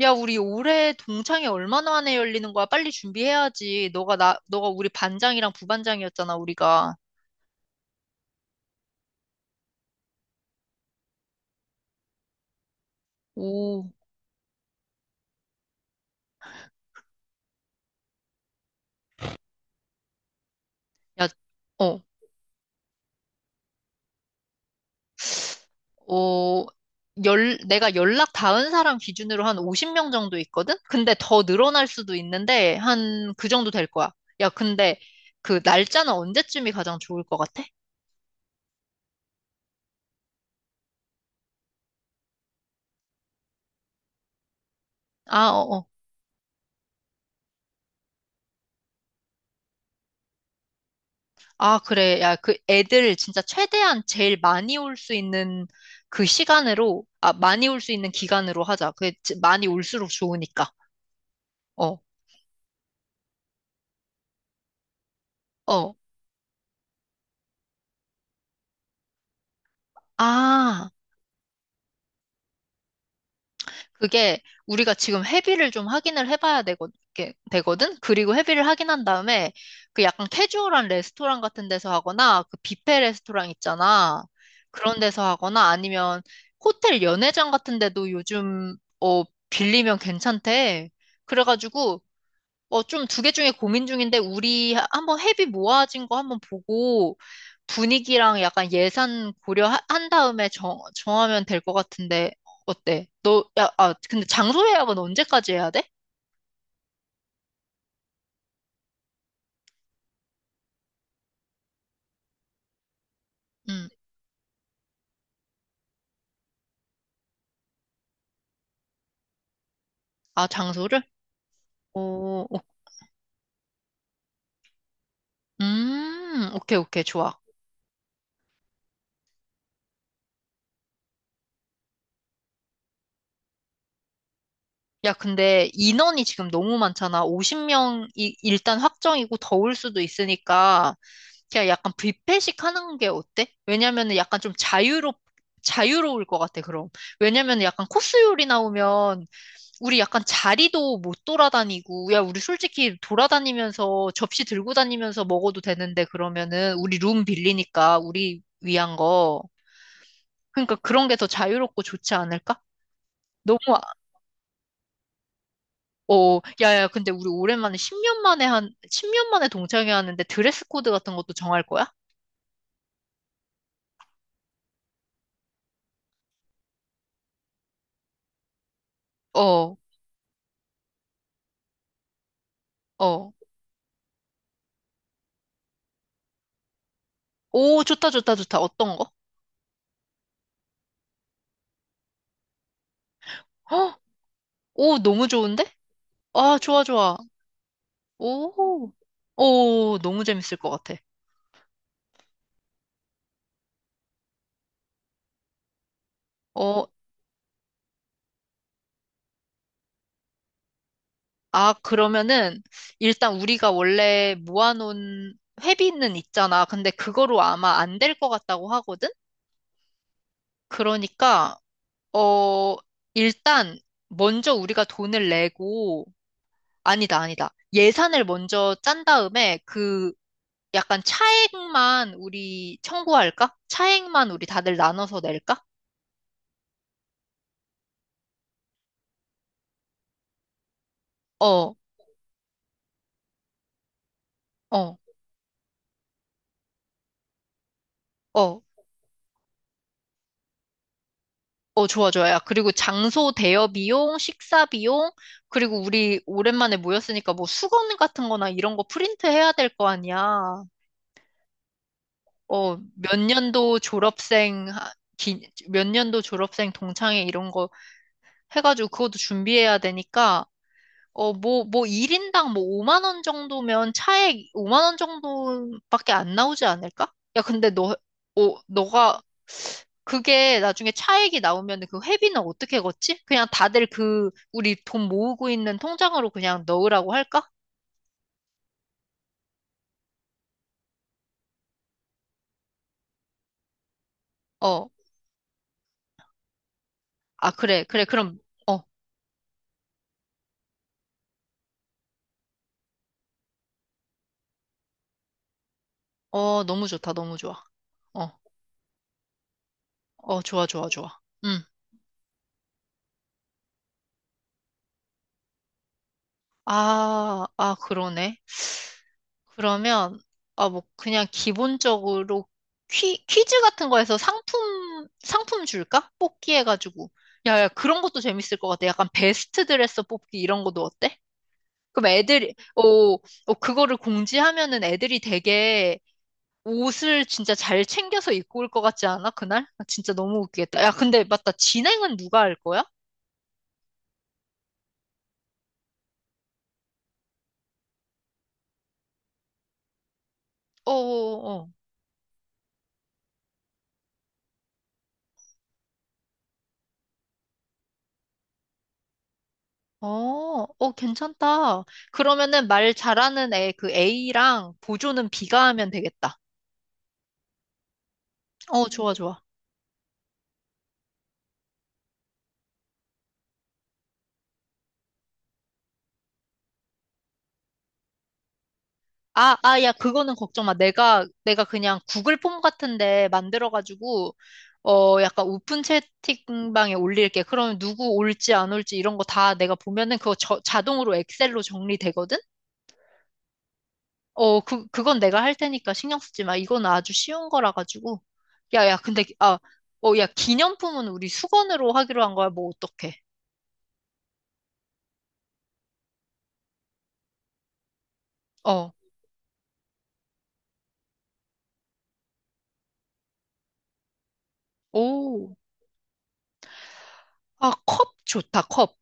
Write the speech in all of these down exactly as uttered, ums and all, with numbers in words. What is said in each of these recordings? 야, 우리 올해 동창회 얼마 만에 열리는 거야? 빨리 준비해야지. 너가 나, 너가 우리 반장이랑 부반장이었잖아, 우리가. 오, 야, 어, 어, 열, 내가 연락 닿은 사람 기준으로 한 오십 명 정도 있거든? 근데 더 늘어날 수도 있는데, 한 그 정도 될 거야. 야, 근데 그 날짜는 언제쯤이 가장 좋을 것 같아? 아, 어, 어. 아, 그래. 야, 그 애들 진짜 최대한 제일 많이 올 수 있는 그 시간으로, 아, 많이 올 수 있는 기간으로 하자. 그게 지- 많이 올수록 좋으니까. 어, 어. 아, 그게 우리가 지금 회비를 좀 확인을 해봐야 되거, 게- 되거든? 그리고 회비를 확인한 다음에 그 약간 캐주얼한 레스토랑 같은 데서 하거나 그 뷔페 레스토랑 있잖아. 그런 데서 하거나 아니면 호텔 연회장 같은 데도 요즘, 어, 빌리면 괜찮대. 그래가지고 어, 좀 두 개 중에 고민 중인데, 우리 하- 한번 회비 모아진 거 한번 보고, 분위기랑 약간 예산 고려한 다음에 정, 정하면 될 것 같은데, 어때? 너, 야, 아, 근데 장소 예약은 언제까지 해야 돼? 음, 아, 장소를? 오, 오, 음, 오케이, 오케이, 좋아. 야, 근데 인원이 지금 너무 많잖아. 오십 명이 일단 확정이고 더울 수도 있으니까 그냥 약간 뷔페식 하는 게 어때? 왜냐면은 약간 좀 자유롭 자유로울 것 같아, 그럼. 왜냐면은 약간 코스 요리 나오면 우리 약간 자리도 못 돌아다니고, 야, 우리 솔직히 돌아다니면서 접시 들고 다니면서 먹어도 되는데 그러면은 우리 룸 빌리니까 우리 위한 거. 그러니까 그런 게 더 자유롭고 좋지 않을까? 너무 어, 야, 야, 근데 우리 오랜만에 십 년 만에 한, 십년 만에 동창회 하는데 드레스 코드 같은 것도 정할 거야? 어, 어. 오, 좋다, 좋다, 좋다. 어떤 거? 헉, 오, 너무 좋은데? 아, 좋아, 좋아. 오, 오, 너무 재밌을 것 같아. 어, 아, 그러면은, 일단 우리가 원래 모아놓은 회비는 있잖아. 근데 그거로 아마 안 될 것 같다고 하거든? 그러니까, 어, 일단, 먼저 우리가 돈을 내고, 아니다, 아니다. 예산을 먼저 짠 다음에 그 약간 차액만 우리 청구할까? 차액만 우리 다들 나눠서 낼까? 어, 어, 어, 어, 좋아, 좋아. 야, 그리고 장소 대여 비용, 식사 비용, 그리고 우리 오랜만에 모였으니까 뭐 수건 같은 거나 이런 거 프린트 해야 될 거 아니야. 어, 몇 년도 졸업생, 하- 기- 몇 년도 졸업생 동창회 이런 거 해가지고 그것도 준비해야 되니까 어, 뭐, 뭐, 일 인당 뭐 오만 원 정도면 차액 오만 원 정도밖에 안 나오지 않을까? 야, 근데 너, 어, 너가, 그게 나중에 차액이 나오면 그 회비는 어떻게 걷지? 그냥 다들 그, 우리 돈 모으고 있는 통장으로 그냥 넣으라고 할까? 어, 아, 그래, 그래, 그럼, 어, 어, 너무 좋다, 너무 좋아. 어, 어, 좋아, 좋아, 좋아. 음. 아, 아, 그러네. 그러면, 아, 뭐, 그냥 기본적으로 퀴, 퀴즈 같은 거에서 상품, 상품 줄까? 뽑기 해가지고. 야, 야, 그런 것도 재밌을 것 같아. 약간 베스트 드레서 뽑기 이런 것도 어때? 그럼 애들이, 오, 오, 그거를 공지하면은 애들이 되게 옷을 진짜 잘 챙겨서 입고 올 것 같지 않아? 그날? 아, 진짜 너무 웃기겠다. 야, 근데 맞다. 진행은 누가 할 거야? 어, 어, 어. 어, 어, 괜찮다. 그러면은 말 잘하는 애, 그 A랑 보조는 B가 하면 되겠다. 어, 좋아, 좋아. 아, 아, 야, 그거는 걱정 마. 내가, 내가 그냥 구글 폼 같은데 만들어가지고, 어, 약간 오픈 채팅방에 올릴게. 그러면 누구 올지 안 올지 이런 거 다 내가 보면은 그거 저- 자동으로 엑셀로 정리되거든? 어, 그, 그건 내가 할 테니까 신경 쓰지 마. 이건 아주 쉬운 거라 가지고. 야, 야, 근데, 아, 어, 야, 기념품은 우리 수건으로 하기로 한 거야. 뭐, 어떡해. 어, 오, 아, 컵 좋다, 컵.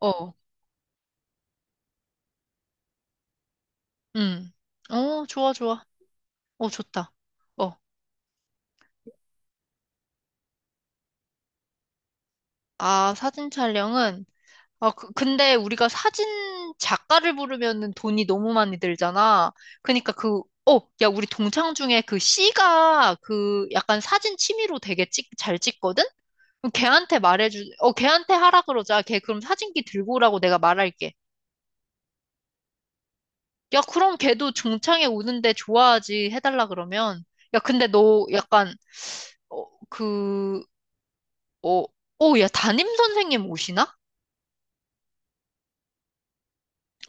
어, 음, 어, 좋아, 좋아. 어, 좋다. 어, 아, 사진 촬영은, 아, 그, 근데 우리가 사진 작가를 부르면은 돈이 너무 많이 들잖아. 그니까 그, 어, 야, 우리 동창 중에 그 C가 그 약간 사진 취미로 되게 찍, 잘 찍거든? 그럼 걔한테 말해주, 어, 걔한테 하라 그러자. 걔 그럼 사진기 들고 오라고 내가 말할게. 야, 그럼 걔도 중창에 오는데 좋아하지 해달라 그러면. 야, 근데 너 약간, 어, 그, 어, 어, 야, 담임 선생님 오시나?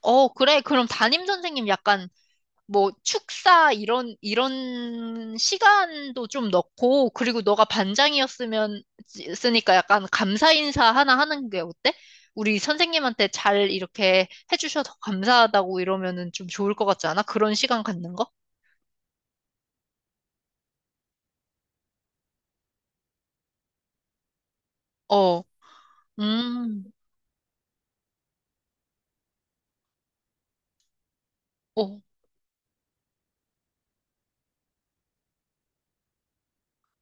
어, 그래. 그럼 담임 선생님 약간 뭐 축사 이런, 이런 시간도 좀 넣고, 그리고 너가 반장이었으면, 쓰니까 약간 감사 인사 하나 하는 게 어때? 우리 선생님한테 잘 이렇게 해주셔서 감사하다고 이러면은 좀 좋을 것 같지 않아? 그런 시간 갖는 거? 어, 음, 어.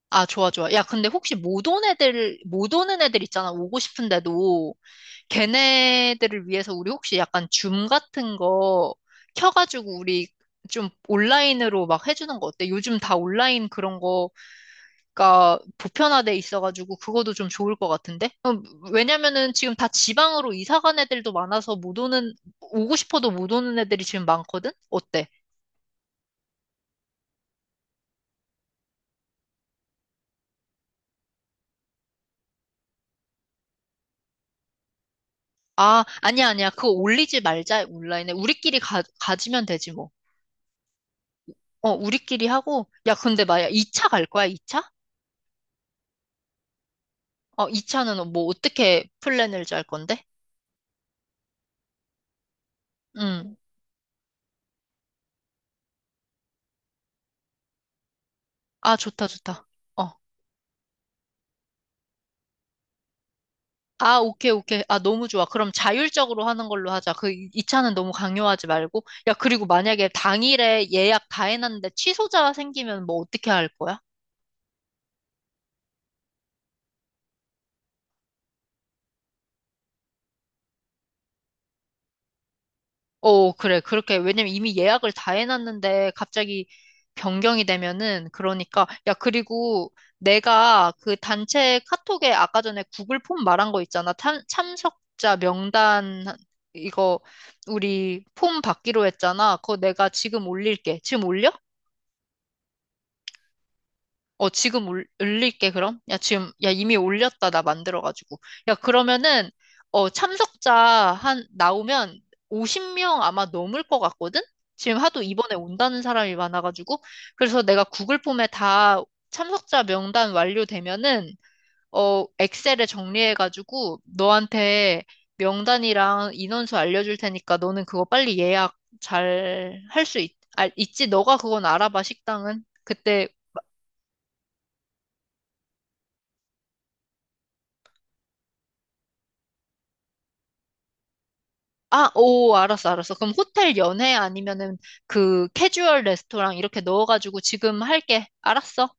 아, 좋아, 좋아. 야, 근데 혹시 못 온 애들, 못 오는 애들 있잖아. 오고 싶은데도 걔네들을 위해서 우리 혹시 약간 줌 같은 거 켜가지고 우리 좀 온라인으로 막 해주는 거 어때? 요즘 다 온라인 그런 거가 보편화돼 있어가지고 그것도 좀 좋을 것 같은데? 음, 왜냐면은 지금 다 지방으로 이사 간 애들도 많아서 못 오는, 오고 싶어도 못 오는 애들이 지금 많거든? 어때? 아, 아니야, 아니야. 그거 올리지 말자, 온라인에. 우리끼리 가, 가지면 되지, 뭐. 어, 우리끼리 하고, 야, 근데 마야, 이 차 갈 거야, 이 차? 어, 이 차는 뭐, 어떻게 플랜을 짤 건데? 응. 아, 좋다, 좋다. 어. 아, 오케이, 오케이. 아, 너무 좋아. 그럼 자율적으로 하는 걸로 하자. 그 이 차는 너무 강요하지 말고. 야, 그리고 만약에 당일에 예약 다 해놨는데 취소자 생기면 뭐, 어떻게 할 거야? 어, 그래. 그렇게, 왜냐면 이미 예약을 다 해놨는데 갑자기 변경이 되면은, 그러니까, 야, 그리고 내가 그 단체 카톡에 아까 전에 구글 폼 말한 거 있잖아. 참, 참석자 명단, 이거, 우리 폼 받기로 했잖아. 그거 내가 지금 올릴게. 지금 올려? 어, 지금 올, 올릴게, 그럼? 야, 지금, 야, 이미 올렸다, 나 만들어가지고. 야, 그러면은, 어, 참석자 한, 나오면 오십 명 아마 넘을 것 같거든? 지금 하도 이번에 온다는 사람이 많아가지고. 그래서 내가 구글 폼에 다 참석자 명단 완료되면은, 어, 엑셀에 정리해가지고, 너한테 명단이랑 인원수 알려줄 테니까 너는 그거 빨리 예약 잘 할 수 있, 아, 있지? 너가 그건 알아봐, 식당은. 그때 아, 오, 알았어, 알았어. 그럼 호텔 연회 아니면은 그 캐주얼 레스토랑 이렇게 넣어가지고 지금 할게. 알았어.